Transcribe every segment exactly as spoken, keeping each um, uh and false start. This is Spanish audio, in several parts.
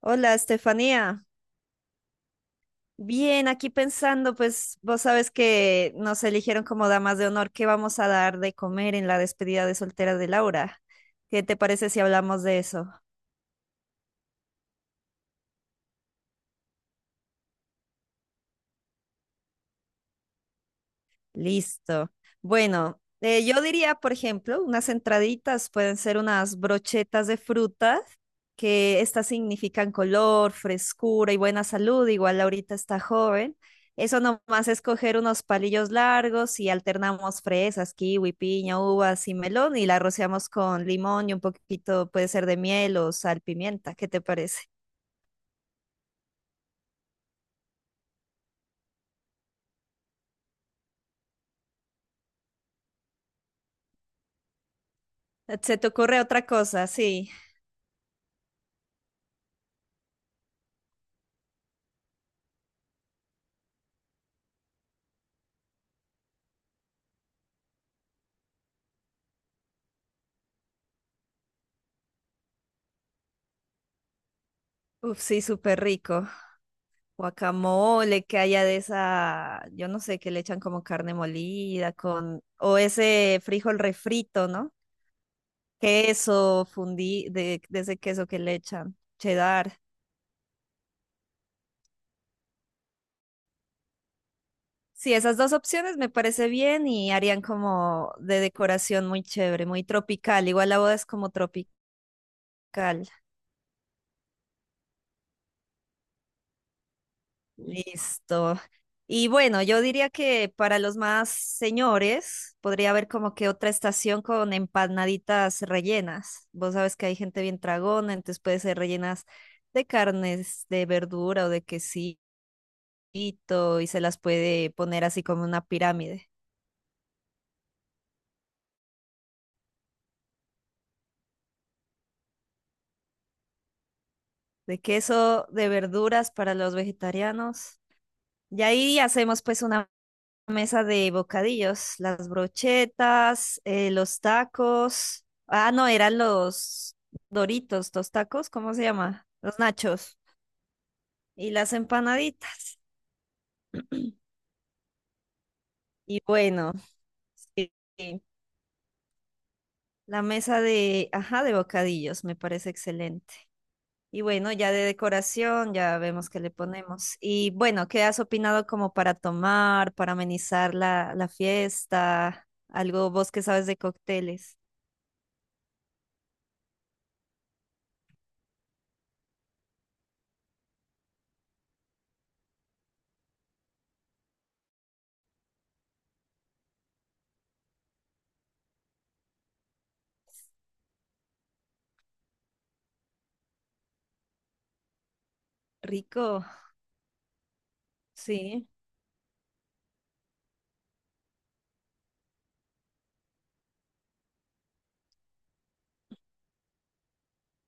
Hola, Estefanía. Bien, aquí pensando, pues vos sabes que nos eligieron como damas de honor. ¿Qué vamos a dar de comer en la despedida de soltera de Laura? ¿Qué te parece si hablamos de eso? Listo. Bueno, eh, yo diría, por ejemplo, unas entraditas pueden ser unas brochetas de fruta, que estas significan color, frescura y buena salud. Igual ahorita está joven. Eso nomás es coger unos palillos largos y alternamos fresas, kiwi, piña, uvas y melón y la rociamos con limón y un poquito puede ser de miel o sal, pimienta. ¿Qué te parece? ¿Se te ocurre otra cosa? Sí. Uf, sí, súper rico. Guacamole que haya de esa, yo no sé, que le echan como carne molida con, o ese frijol refrito, ¿no? Queso fundí, de, de ese queso que le echan, cheddar. Sí, esas dos opciones me parece bien y harían como de decoración muy chévere, muy tropical. Igual la boda es como tropical. Listo. Y bueno, yo diría que para los más señores podría haber como que otra estación con empanaditas rellenas. Vos sabes que hay gente bien tragona, entonces puede ser rellenas de carnes, de verdura o de quesito y se las puede poner así como una pirámide de queso, de verduras para los vegetarianos. Y ahí hacemos pues una mesa de bocadillos, las brochetas, eh, los tacos. Ah, no, eran los Doritos, los tacos, ¿cómo se llama? Los nachos y las empanaditas. Y bueno, sí, sí, la mesa de, ajá, de bocadillos me parece excelente. Y bueno, ya de decoración, ya vemos qué le ponemos. Y bueno, ¿qué has opinado como para tomar, para amenizar la, la fiesta? Algo vos que sabes de cócteles. Rico, sí.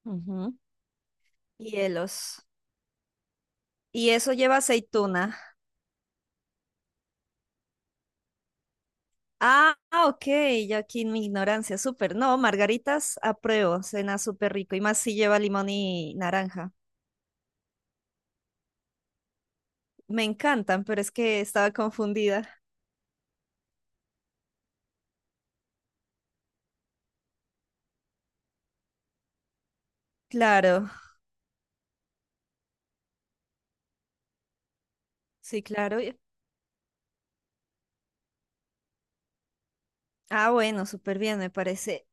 Ujú. Hielos. Y eso lleva aceituna. Ah, ah, ok, yo aquí en mi ignorancia, súper. No, margaritas, apruebo, cena súper rico. Y más si lleva limón y naranja. Me encantan, pero es que estaba confundida. Claro, sí, claro, y... Ah, bueno, súper bien, me parece.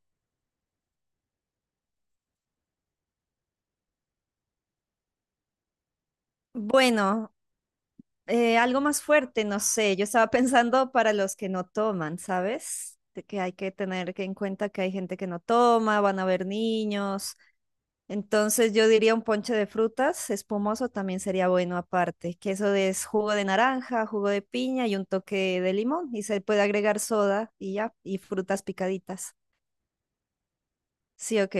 Bueno, eh, algo más fuerte, no sé. Yo estaba pensando para los que no toman, ¿sabes? De que hay que tener que en cuenta que hay gente que no toma, van a haber niños. Entonces yo diría un ponche de frutas espumoso también sería bueno aparte, que eso es jugo de naranja, jugo de piña y un toque de limón y se puede agregar soda y ya, y frutas picaditas. Sí, ok.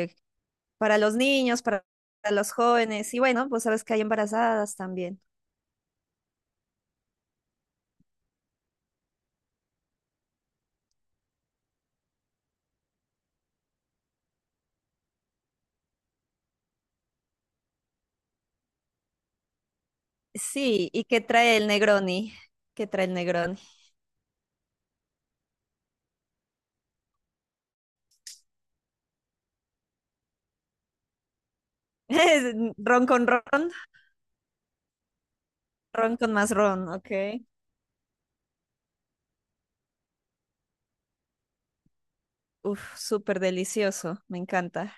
Para los niños, para para los jóvenes y bueno, pues sabes que hay embarazadas también. Sí, ¿y qué trae el Negroni? ¿Qué trae el Negroni? Es ron con ron, ron con más ron, ok. Uf, súper delicioso, me encanta.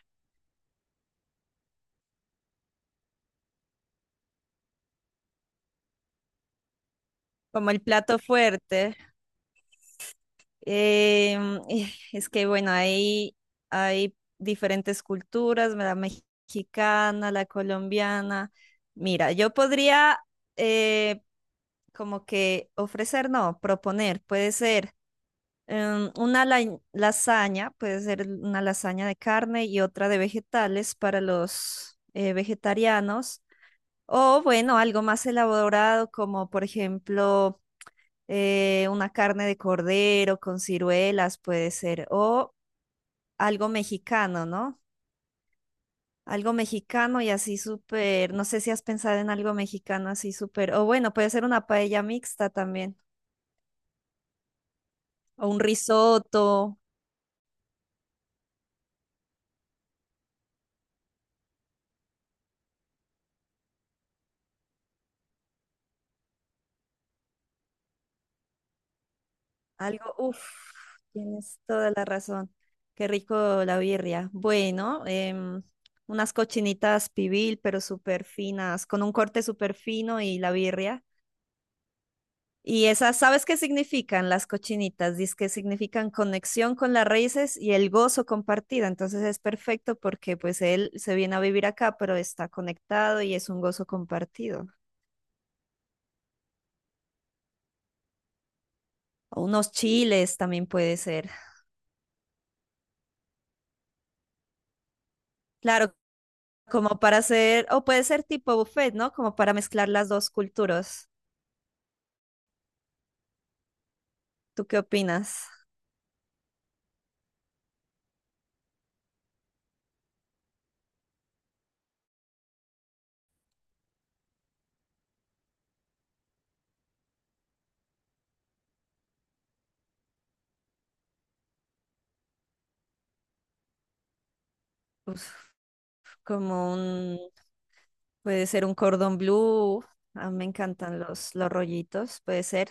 Como el plato fuerte. Em, eh, es que bueno, ahí hay diferentes culturas, la mexicana, la colombiana. Mira, yo podría eh, como que ofrecer, no, proponer, puede ser. Em, una lai- lasaña, puede ser una lasaña de carne y otra de vegetales para los eh, vegetarianos. O bueno, algo más elaborado como por ejemplo eh, una carne de cordero con ciruelas puede ser. O algo mexicano, ¿no? Algo mexicano y así súper, no sé si has pensado en algo mexicano así súper, o bueno, puede ser una paella mixta también, o un risotto. Algo, uff, tienes toda la razón. Qué rico la birria. Bueno, em, unas cochinitas pibil, pero súper finas, con un corte súper fino y la birria. Y esas, ¿sabes qué significan las cochinitas? Dice que significan conexión con las raíces y el gozo compartido. Entonces es perfecto porque pues él se viene a vivir acá, pero está conectado y es un gozo compartido. O unos chiles también puede ser. Claro, como para hacer, o puede ser tipo buffet, ¿no? Como para mezclar las dos culturas. ¿Tú qué opinas? Uf, como un, puede ser un cordón blue. A mí me encantan los, los rollitos, puede ser.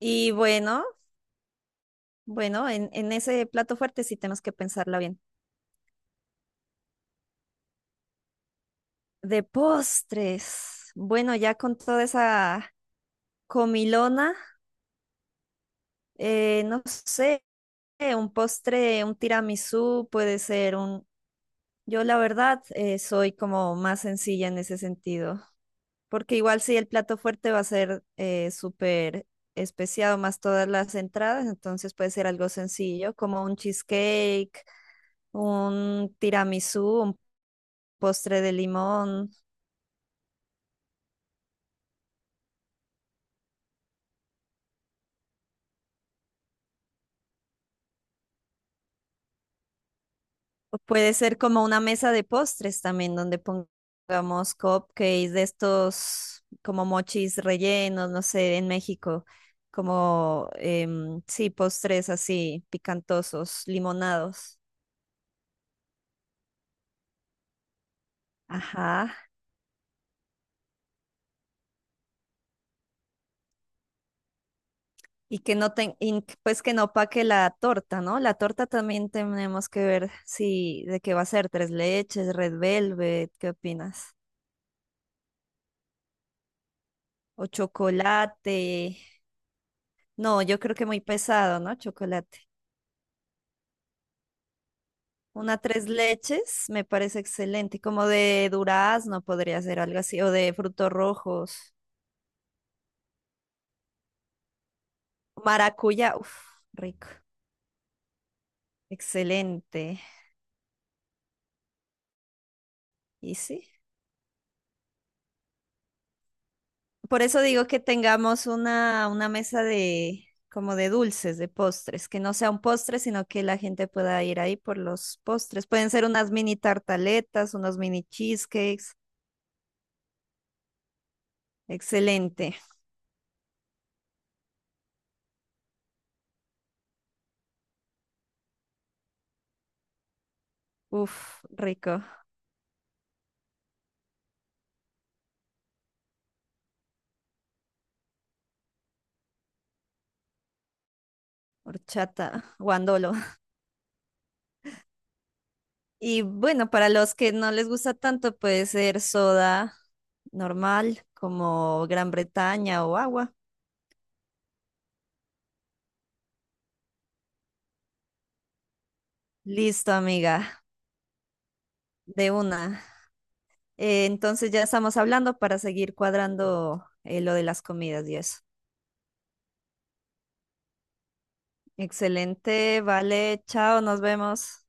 Y bueno, bueno, en, en ese plato fuerte sí tenemos que pensarla bien. De postres. Bueno, ya con toda esa comilona, eh, no sé, un postre, un tiramisú, puede ser un... Yo la verdad eh, soy como más sencilla en ese sentido, porque igual si el plato fuerte va a ser eh, súper especiado más todas las entradas, entonces puede ser algo sencillo como un cheesecake, un tiramisú, un postre de limón. O puede ser como una mesa de postres también, donde pongamos cupcakes de estos como mochis rellenos, no sé, en México, como em, sí, postres así, picantosos, limonados. Ajá. Y que no ten, y que, pues que no opaque la torta, ¿no? La torta también tenemos que ver si de qué va a ser, tres leches, red velvet, ¿qué opinas? O chocolate. No, yo creo que muy pesado, ¿no? Chocolate. Una tres leches me parece excelente, como de durazno podría ser algo así, o de frutos rojos. Maracuyá, uff, rico, excelente. Y sí, por eso digo que tengamos una, una mesa de como de dulces, de postres, que no sea un postre, sino que la gente pueda ir ahí por los postres. Pueden ser unas mini tartaletas, unos mini cheesecakes. Excelente. Uf, rico. Horchata, guandolo. Y bueno, para los que no les gusta tanto, puede ser soda normal, como Gran Bretaña o agua. Listo, amiga, de una. Eh, entonces ya estamos hablando para seguir cuadrando eh, lo de las comidas y eso. Excelente, vale, chao, nos vemos.